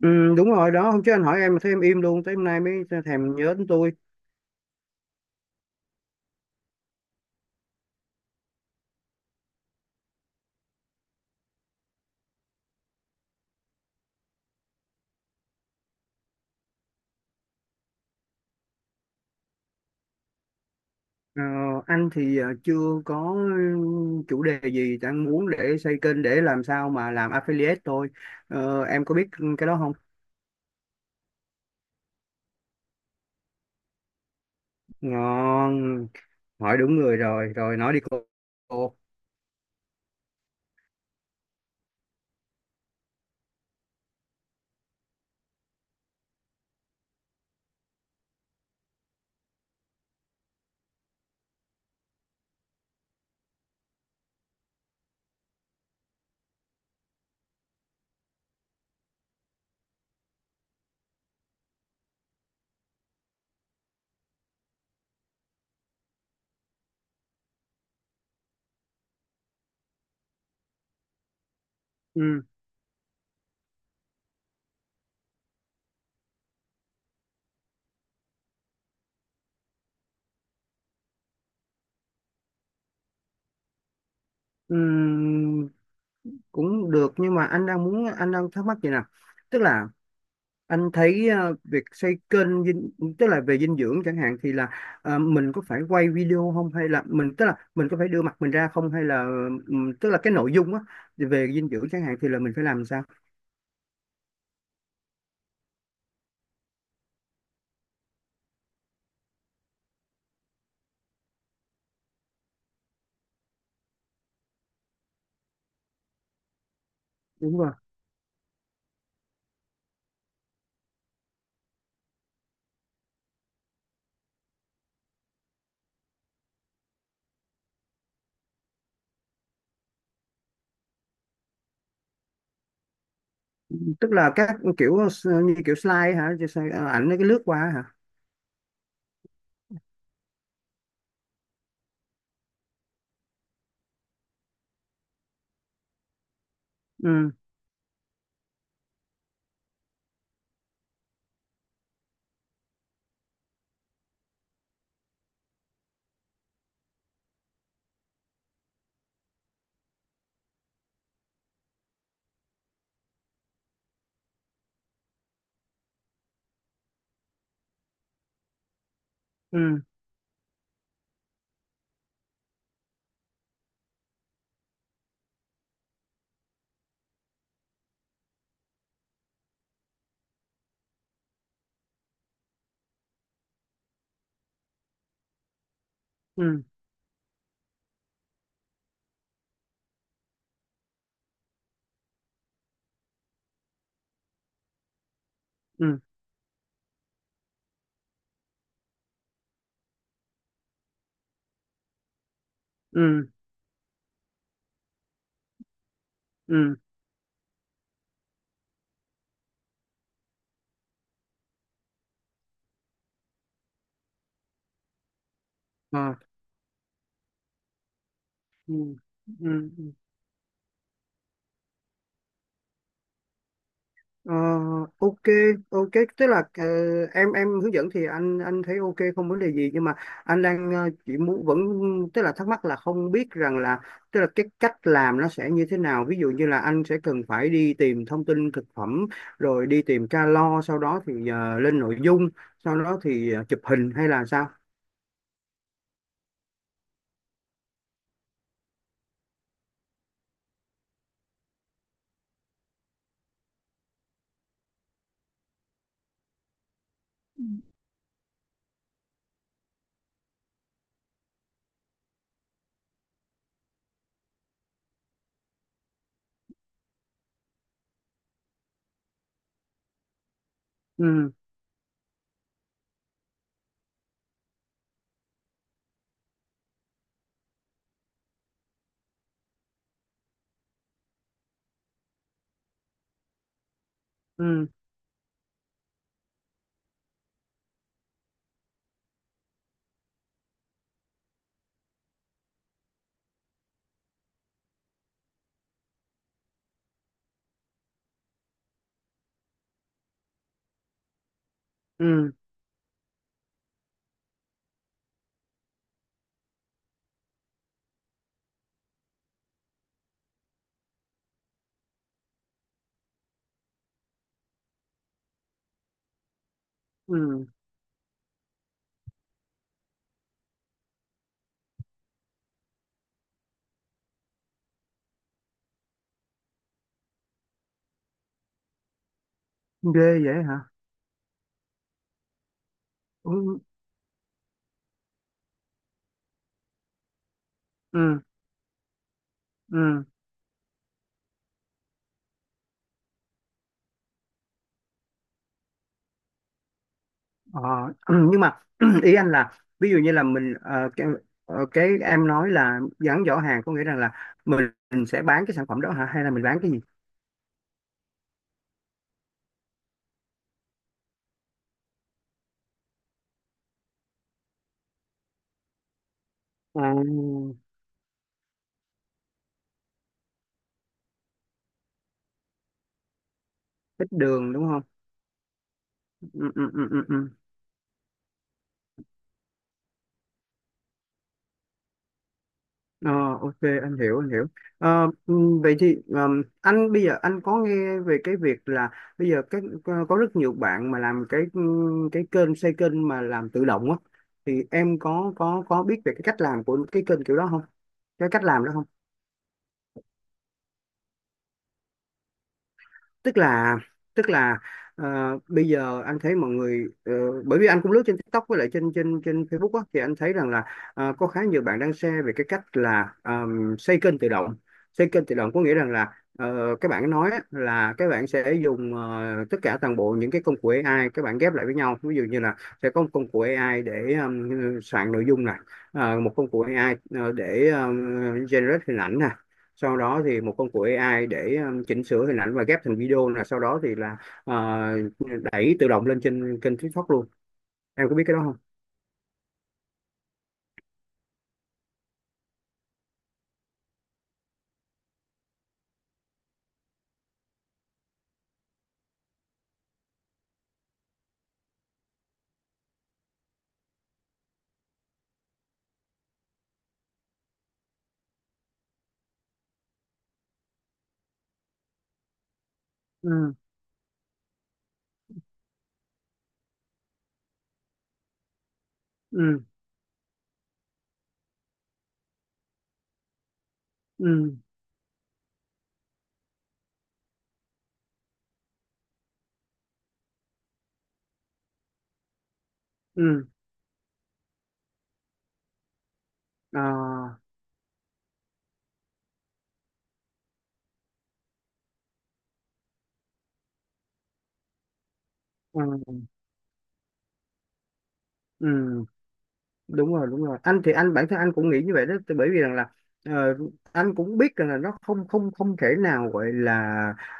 Ừ, đúng rồi đó, hôm trước anh hỏi em mà thấy em im luôn tới hôm nay mới thèm nhớ đến tôi. Ờ, anh thì chưa có chủ đề gì đang muốn để xây kênh để làm sao mà làm affiliate thôi. Em có biết cái đó không? Ngon, hỏi đúng người rồi, nói đi cô. Cô. ừ, ừ, Cũng được, nhưng mà anh đang muốn, anh đang thắc mắc gì nè. Tức là anh thấy việc xây kênh dinh, tức là về dinh dưỡng chẳng hạn, thì là mình có phải quay video không, hay là mình, tức là mình có phải đưa mặt mình ra không, hay là tức là cái nội dung á, về dinh dưỡng chẳng hạn thì là mình phải làm sao? Đúng rồi. Tức là các kiểu như kiểu slide hả? Ảnh nó cái lướt qua hả? Ừ ừ ừ ừ ừ ừ ờ, ừ ừ ừ Ờ, ok, ok. Tức là em hướng dẫn thì anh thấy ok, không vấn đề gì, nhưng mà anh đang chỉ muốn vẫn, tức là thắc mắc là không biết rằng là, tức là cái cách làm nó sẽ như thế nào. Ví dụ như là anh sẽ cần phải đi tìm thông tin thực phẩm, rồi đi tìm calo, sau đó thì lên nội dung, sau đó thì chụp hình hay là sao? Ừ, ừ, ừ, ừ. Ghê vậy hả? Ừ, ừ, ừ. Ờ, nhưng mà ý anh là, ví dụ như là mình cái, cái em nói là gắn giỏ hàng, có nghĩa rằng là mình sẽ bán cái sản phẩm đó hả, hay là mình bán cái gì? À, ít đường đúng không? Ừ, ừ, ừ, ừ, ừ. Ờ, ok, anh hiểu, anh hiểu. Ờ, ừ, Vậy thì anh bây giờ anh có nghe về cái việc là bây giờ các có rất nhiều bạn mà làm cái cái kênh, xây kênh mà làm tự động á, thì em có biết về cái cách làm của cái kênh kiểu đó không? Cái cách làm đó không? tức là Tức là bây giờ anh thấy mọi người, bởi vì anh cũng lướt trên TikTok với lại trên trên trên Facebook á, thì anh thấy rằng là có khá nhiều bạn đang share về cái cách là xây kênh tự động. Xây kênh tự động có nghĩa rằng là các bạn nói á, là các bạn sẽ dùng tất cả toàn bộ những cái công cụ AI, các bạn ghép lại với nhau, ví dụ như là sẽ có một công cụ AI để soạn nội dung này, một công cụ AI để generate hình ảnh nè, sau đó thì một công cụ AI để chỉnh sửa hình ảnh và ghép thành video, là sau đó thì là ờ, đẩy tự động lên trên kênh TikTok luôn. Em có biết cái đó không? Ừ ừ ừ ừ ờ, ừ ừ Đúng rồi, đúng rồi, anh thì anh bản thân anh cũng nghĩ như vậy đó. Tại bởi vì rằng là ờ, anh cũng biết rằng là nó không không không thể nào gọi là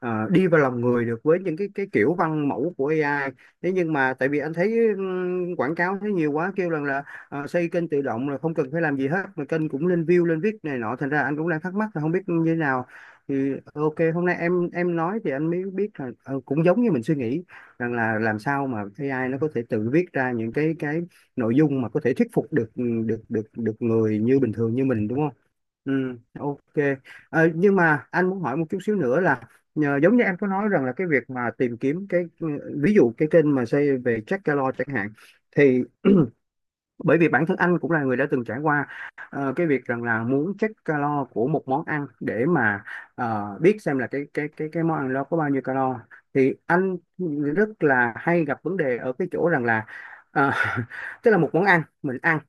đi vào lòng người được với những cái kiểu văn mẫu của AI. Thế nhưng mà tại vì anh thấy quảng cáo thấy nhiều quá, kêu rằng là xây kênh tự động là không cần phải làm gì hết mà kênh cũng lên view, lên viết này nọ, thành ra anh cũng đang thắc mắc là không biết như thế nào. Thì ok, hôm nay em nói thì anh mới biết là cũng giống như mình suy nghĩ, rằng là làm sao mà AI nó có thể tự viết ra những cái nội dung mà có thể thuyết phục được được người như bình thường như mình đúng không? Ừ, ok. Nhưng mà anh muốn hỏi một chút xíu nữa là, nhờ, giống như em có nói rằng là cái việc mà tìm kiếm cái, ví dụ cái kênh mà xây về Jack Gallo chẳng hạn, thì bởi vì bản thân anh cũng là người đã từng trải qua cái việc rằng là muốn check calo của một món ăn để mà biết xem là cái món ăn đó có bao nhiêu calo. Thì anh rất là hay gặp vấn đề ở cái chỗ rằng là ờ, tức là một món ăn mình ăn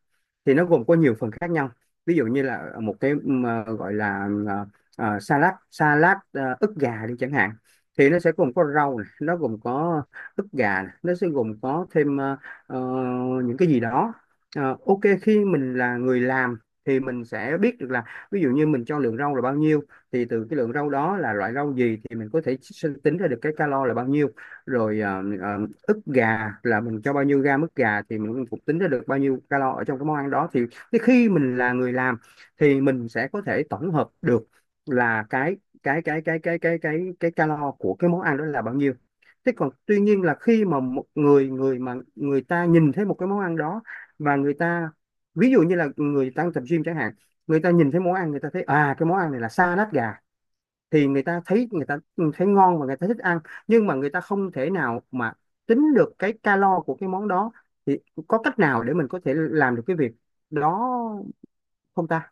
thì nó gồm có nhiều phần khác nhau. Ví dụ như là một cái mà gọi là salad, ức gà đi chẳng hạn, thì nó sẽ gồm có rau này, nó gồm có ức gà này, nó sẽ gồm có thêm ờ, những cái gì đó. Ok, khi mình là người làm thì mình sẽ biết được là, ví dụ như mình cho lượng rau là bao nhiêu, thì từ cái lượng rau đó là loại rau gì thì mình có thể tính ra được cái calo là bao nhiêu, rồi ức gà là mình cho bao nhiêu gam ức gà thì mình cũng tính ra được bao nhiêu calo ở trong cái món ăn đó. Thì cái khi mình là người làm thì mình sẽ có thể tổng hợp được là cái calo của cái món ăn đó là bao nhiêu. Thế còn tuy nhiên là khi mà một người người mà người ta nhìn thấy một cái món ăn đó, và người ta, ví dụ như là người đang tập gym chẳng hạn, người ta nhìn thấy món ăn, người ta thấy à cái món ăn này là sa lát gà, thì người ta thấy, người ta thấy ngon và người ta thích ăn, nhưng mà người ta không thể nào mà tính được cái calo của cái món đó. Thì có cách nào để mình có thể làm được cái việc đó không ta?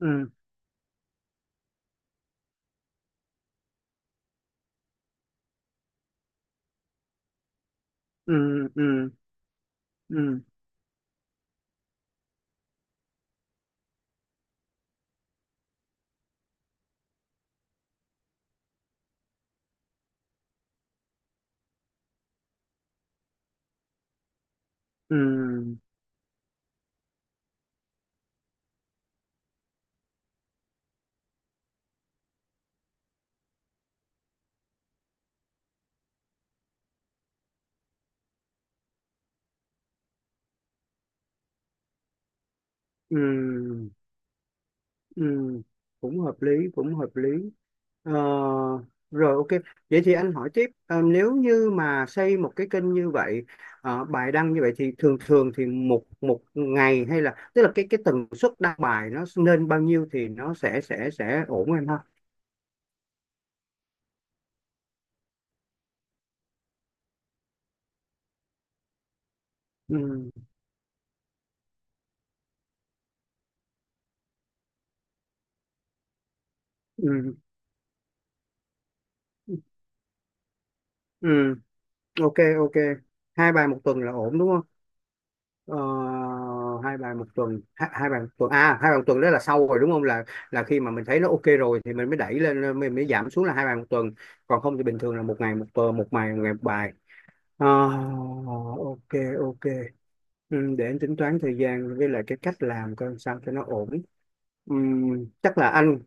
ừ ừ ừ ừ ừ ừ ừ ừ, cũng hợp lý, cũng hợp lý. Ờ, Rồi, ok. Vậy thì anh hỏi tiếp, nếu như mà xây một cái kênh như vậy, bài đăng như vậy, thì thường thường thì một, một ngày, hay là tức là cái tần suất đăng bài nó nên bao nhiêu thì nó sẽ ổn em ha. Ừ, ừ, ừ, ok, ok. Hai bài một tuần là ổn đúng không? Ờ, Hai bài một tuần, hai bài một tuần à, hai bài một tuần đó là sau rồi đúng không, là là khi mà mình thấy nó ok rồi thì mình mới đẩy lên, mình mới giảm xuống là hai bài một tuần, còn không thì bình thường là một ngày một tuần, một ngày, một ngày một bài. Ờ, ok, ok, ừ, để anh tính toán thời gian với lại cái cách làm coi sao cho nó ổn. Ừm, chắc là anh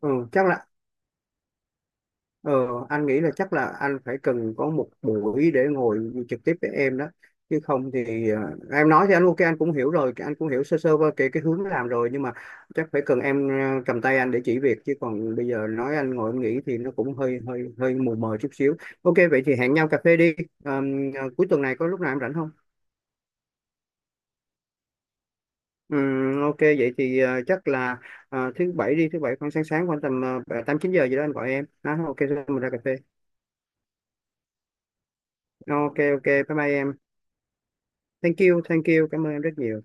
ừ, chắc là Ờ, Anh nghĩ là chắc là anh phải cần có một buổi để ngồi trực tiếp với em đó, chứ không thì em nói thì anh ok, anh cũng hiểu rồi, anh cũng hiểu sơ sơ qua cái hướng làm rồi, nhưng mà chắc phải cần em cầm tay anh để chỉ việc, chứ còn bây giờ nói anh ngồi anh nghĩ thì nó cũng hơi hơi hơi mù mờ chút xíu. Ok, vậy thì hẹn nhau cà phê đi. Ờ, Cuối tuần này có lúc nào em rảnh không? Ok, vậy thì thứ bảy đi, thứ bảy khoảng sáng, sáng khoảng tầm tám chín giờ gì đó anh gọi em. Đó, ok, rồi mình ra cà phê. Ờ, ok, ok, bye bye em. Thank you, cảm ơn em rất nhiều.